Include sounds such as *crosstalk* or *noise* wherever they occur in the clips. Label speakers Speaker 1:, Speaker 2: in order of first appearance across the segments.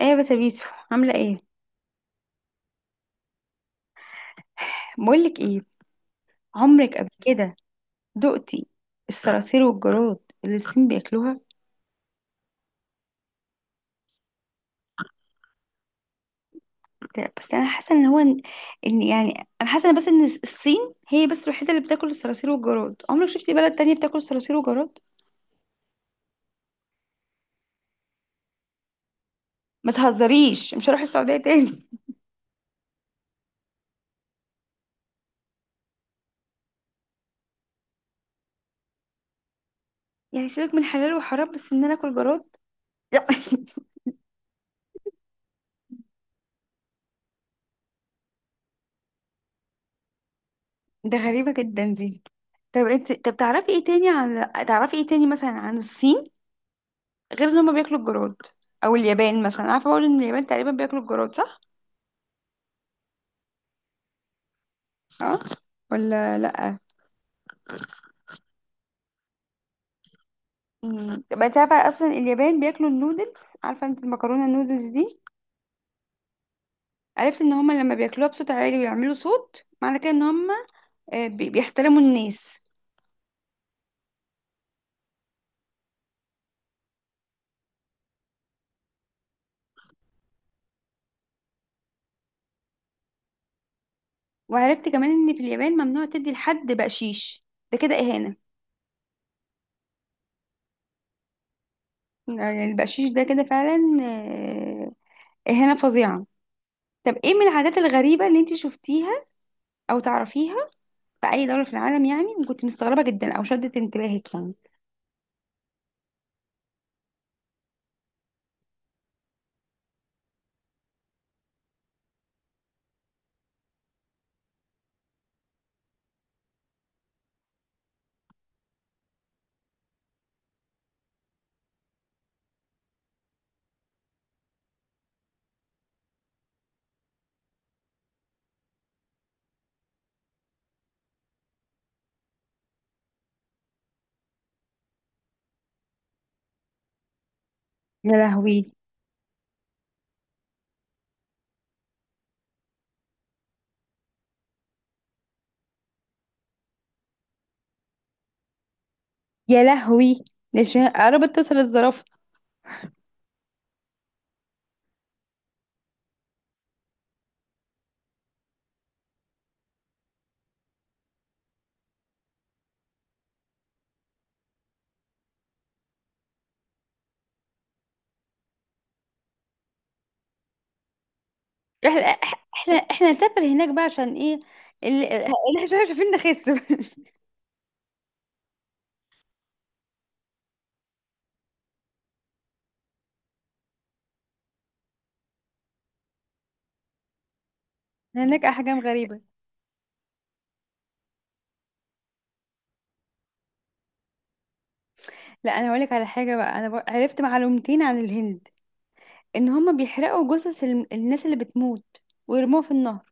Speaker 1: ايه بس يا بيسو، عامله ايه؟ بقولك ايه، عمرك قبل كده دقتي الصراصير والجراد اللي الصين بياكلوها؟ بس انا حاسه ان هو ان إن يعني انا حاسه إن بس ان الصين هي بس الوحيده اللي بتاكل الصراصير والجراد. عمرك شفتي بلد تانية بتاكل الصراصير والجراد؟ ما تهزريش، مش هروح السعوديه تاني. *laughs* يعني سيبك من حلال وحرام، بس ان انا اكل جراد؟ لا. *laughs* ده غريبه جدا دي. طب انت، طب تعرفي ايه تاني عن تعرفي ايه تاني مثلا عن الصين غير ان هما بياكلوا الجراد؟ او اليابان مثلا، عارفه اقول ان اليابان تقريبا بياكلوا الجراد، صح؟ اه، ولا لا؟ يبقى انت عارفه اصلا اليابان بياكلوا النودلز، عارفه انت المكرونه النودلز دي؟ عرفت ان هما لما بياكلوها بصوت عالي ويعملوا صوت معنى كده ان هما بيحترموا الناس. وعرفت كمان ان في اليابان ممنوع تدي لحد بقشيش، ده كده اهانه. يعني البقشيش ده كده فعلا اهانه فظيعه. طب ايه من العادات الغريبه اللي انت شفتيها او تعرفيها في اي دوله في العالم يعني، وكنت مستغربه جدا او شدت انتباهك يعني؟ يا لهوي، يا لهوي، ده قربت توصل الزرافه. احنا نسافر هناك بقى عشان ايه؟ اللي احنا شايفين نخس. *laughs* هناك احجام غريبه. لا، انا هقولك على حاجه بقى، انا عرفت معلومتين عن الهند. ان هم بيحرقوا جثث الناس اللي بتموت ويرموها في النهر.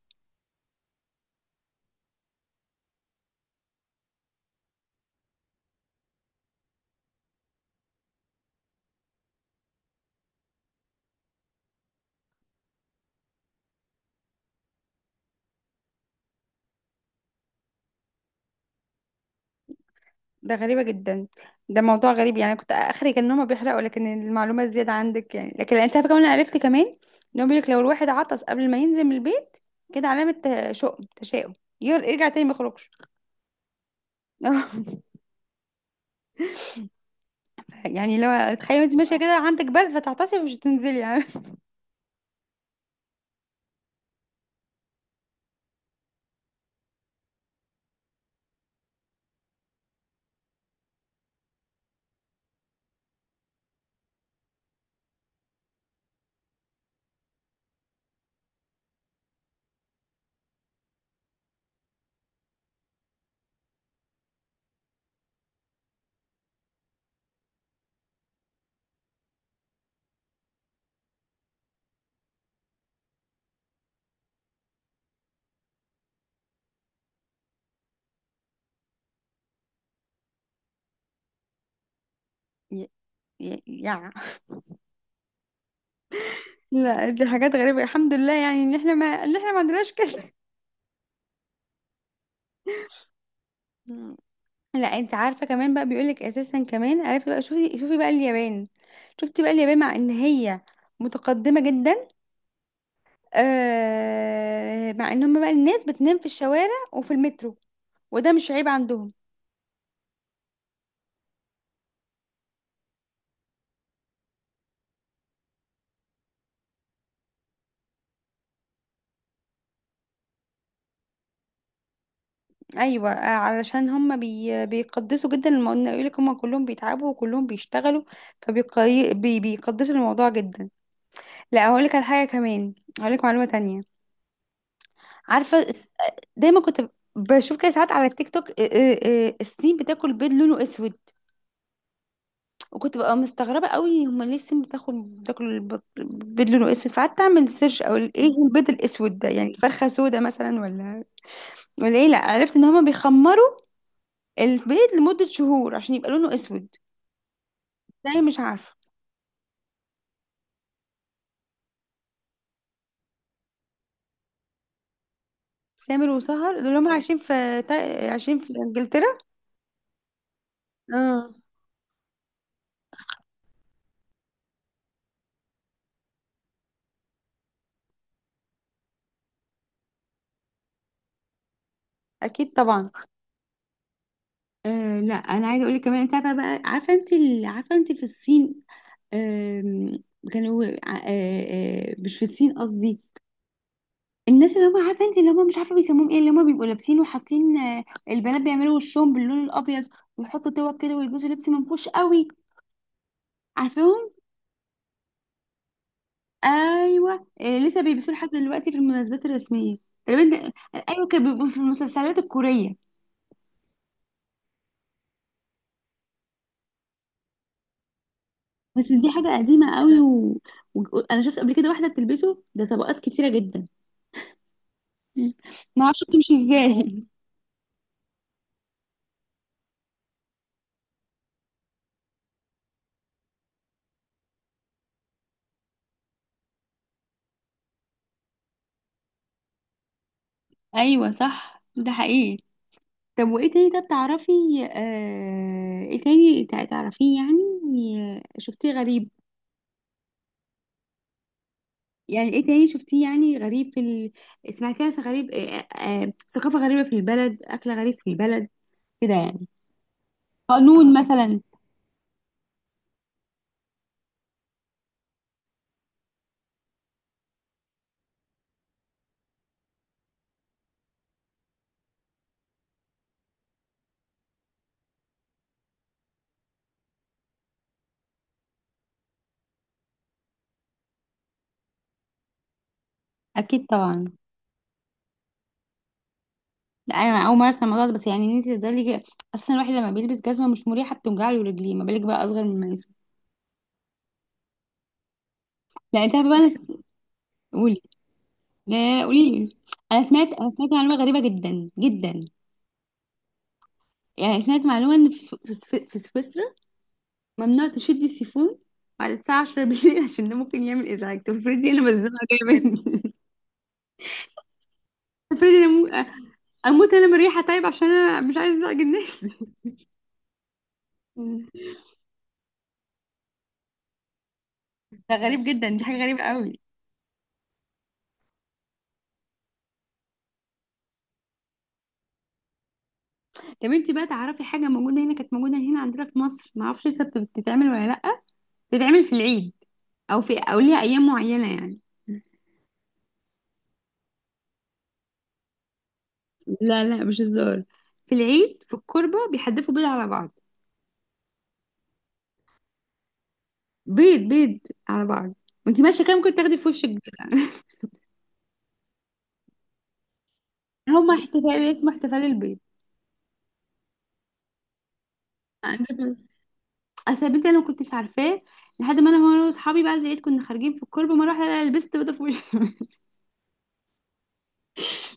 Speaker 1: ده غريبة جدا، ده موضوع غريب. يعني أنا كنت اخري كان إن هما بيحرقوا، لكن المعلومة الزيادة عندك يعني. لكن انت عارفة كمان، أنا عرفت كمان ان هو بيقولك لو الواحد عطس قبل ما ينزل من البيت، كده علامة شؤم، تشاؤم، يرجع تاني ما يخرجش. *laughs* يعني لو تخيل انت ماشية كده عندك برد فتعطسي، مش هتنزلي يعني. *laughs* ي- ي- يع لا، دي حاجات غريبة، الحمد لله يعني ان احنا ما عندناش كده. لا، انت عارفه كمان بقى بيقولك، اساسا كمان عرفت بقى. شوفي بقى اليابان، شفتي بقى اليابان، مع ان هي متقدمه جدا. آه، مع ان هم بقى الناس بتنام في الشوارع وفي المترو، وده مش عيب عندهم. ايوه، علشان هم بيقدسوا جدا الموضوع، يقول لك هم كلهم بيتعبوا وكلهم بيشتغلوا، فبيقدسوا الموضوع جدا. لا، هقول لك على حاجه كمان، هقول لك معلومه تانية. عارفه دايما كنت بشوف كده ساعات على التيك توك، الصين بتاكل بيض لونه اسود. وكنت بقى مستغربة قوي، هما ليه السم بتاخد؟ بتاكل البيض لونه اسود، فقعدت اعمل سيرش او ايه البيض الاسود ده، يعني فرخة سودا مثلا، ولا ولا ايه؟ لا، عرفت ان هما بيخمروا البيض لمدة شهور عشان يبقى لونه اسود، ازاي مش عارفة. سامر وسهر دول هما عايشين في عايشين في انجلترا. اه، اكيد طبعا. آه، لا انا عايزه اقول لك كمان، انت عارفه بقى، عارفه انت عارفه انت في الصين، آم، كانوا آه مش في الصين قصدي، الناس اللي هم، عارفه انت اللي هم، مش عارفه بيسموهم ايه، اللي هم بيبقوا لابسين وحاطين البنات بيعملوا وشهم باللون الابيض ويحطوا توك كده ويلبسوا لبس منفوش قوي، عارفاهم؟ ايوه، لسه بيلبسوه لحد دلوقتي في المناسبات الرسميه تقريبا. ايوه، كانوا بيبقوا في المسلسلات الكوريه. بس دي حاجه قديمه قوي انا شفت قبل كده واحده بتلبسه، ده طبقات كتيره جدا، ما اعرفش بتمشي ازاي. *laughs* ايوه صح، ده حقيقي. طب وايه تاني، طب تعرفي ايه تاني تعرفيه يعني، شفتيه غريب؟ يعني ايه تاني شفتيه يعني غريب في سمعتيها، غريب ثقافة غريبة في البلد، أكل غريب في البلد، كده يعني، قانون مثلا. أكيد طبعا. لا، أنا أول مرة أسمع الموضوع ده، بس يعني إن أنت تفضلي كده أساسا، الواحد لما بيلبس جزمة مش مريحة بتوجع له رجليه، ما بالك بقى أصغر من اسمه. لا، أنت عارفة بقى، أنا قولي. لا، قولي لي. أنا سمعت معلومة غريبة جدا جدا. يعني سمعت معلومة إن في سويسرا ممنوع تشدي السيفون بعد الساعة 10 بالليل. *laughs* عشان ده ممكن يعمل إزعاج. طب افرضي أنا مزنوقة، جاية مني. *laughs* افرضي أنا أموت أنا من الريحة، طيب عشان أنا مش عايزة أزعج الناس. *laughs* ده غريب جدا، دي حاجة غريبة قوي. طب انت بقى تعرفي حاجة موجودة هنا، كانت موجودة هنا عندنا في مصر، ما اعرفش لسه بتتعمل ولا لأ. بتتعمل في العيد أو في، أو ليها أيام معينة يعني. لا لا، مش هزار. في العيد في الكربة بيحدفوا بيض على بعض. بيض، بيض على بعض. وانت ماشية كام كنت تاخدي في وشك بيض. هما احتفال اسمه احتفال البيض. أنا- اصل البيض ده انا ما كنتش عارفاه لحد ما انا واصحابي بعد العيد كنا خارجين في الكوربه، ما اروح ألاقي لبست بيضه في وشي. *laughs*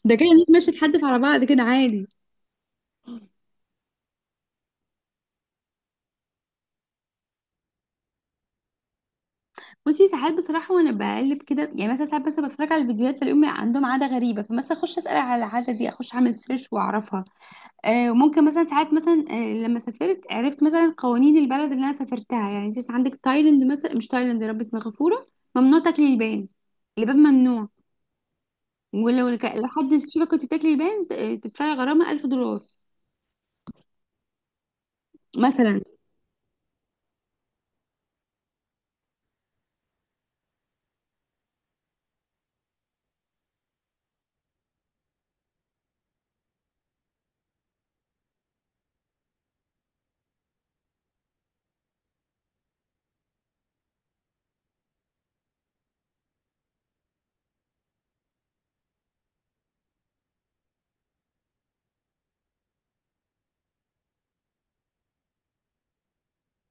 Speaker 1: ده كده الناس ماشيه تحدف على بعض كده عادي. بصي، ساعات بصراحه وانا بقلب كده يعني، مثلا ساعات مثلا بتفرج على الفيديوهات فاليوم عندهم عاده غريبه، فمثلا اخش اسال على العاده دي، اخش اعمل سيرش واعرفها. آه، وممكن مثلا ساعات مثلا لما سافرت عرفت مثلا قوانين البلد اللي انا سافرتها يعني. انت عندك تايلاند مثلا، مش تايلاند، يا رب، سنغافوره ممنوع تاكلي لبان، لبان ممنوع. ولو لحد الشبكة كنت بتاكلي البان تدفعي غرامة 1000 دولار مثلا.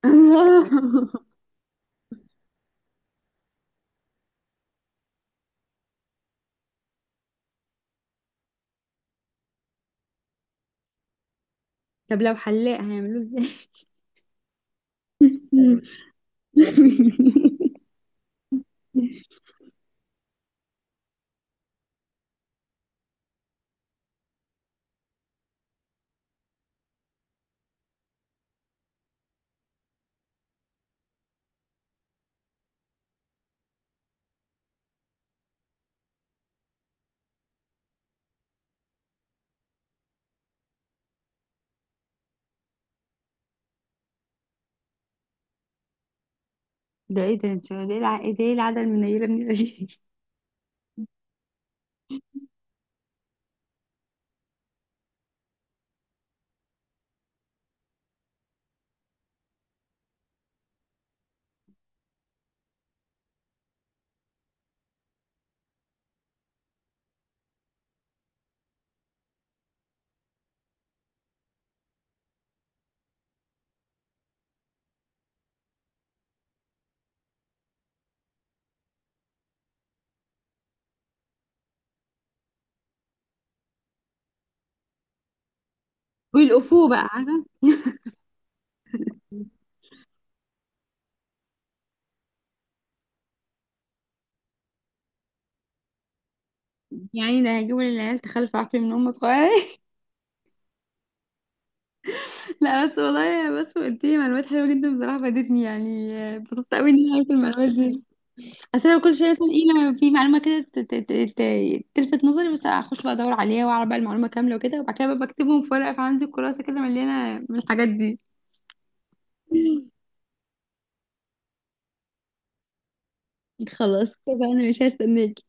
Speaker 1: الله. *laughs* طب لو حلاق هيعملوه ازاي؟ مم. *laughs* ده ايه ده انت، ده ايه العاده المنيله من دي؟ *laughs* والافو بقى عارفه. يعني ده هيجيبوا للعيال تخلف عقل من هم صغيرين. *laughs* لا بس والله، بس قلت لي معلومات حلوه جدا بصراحه، فادتني يعني، اتبسطت قوي اني عرفت المعلومات دي. اصل أنا كل شويه مثلا ايه، لما في معلومه كده تلفت نظري، بس اخش بقى ادور عليها واعرف بقى المعلومه كامله وكده، وبعد كده بقى بكتبهم في ورقه، فعندي كراسه كده مليانه من الحاجات دي. *laughs* خلاص كده بقى، انا مش هستناكي.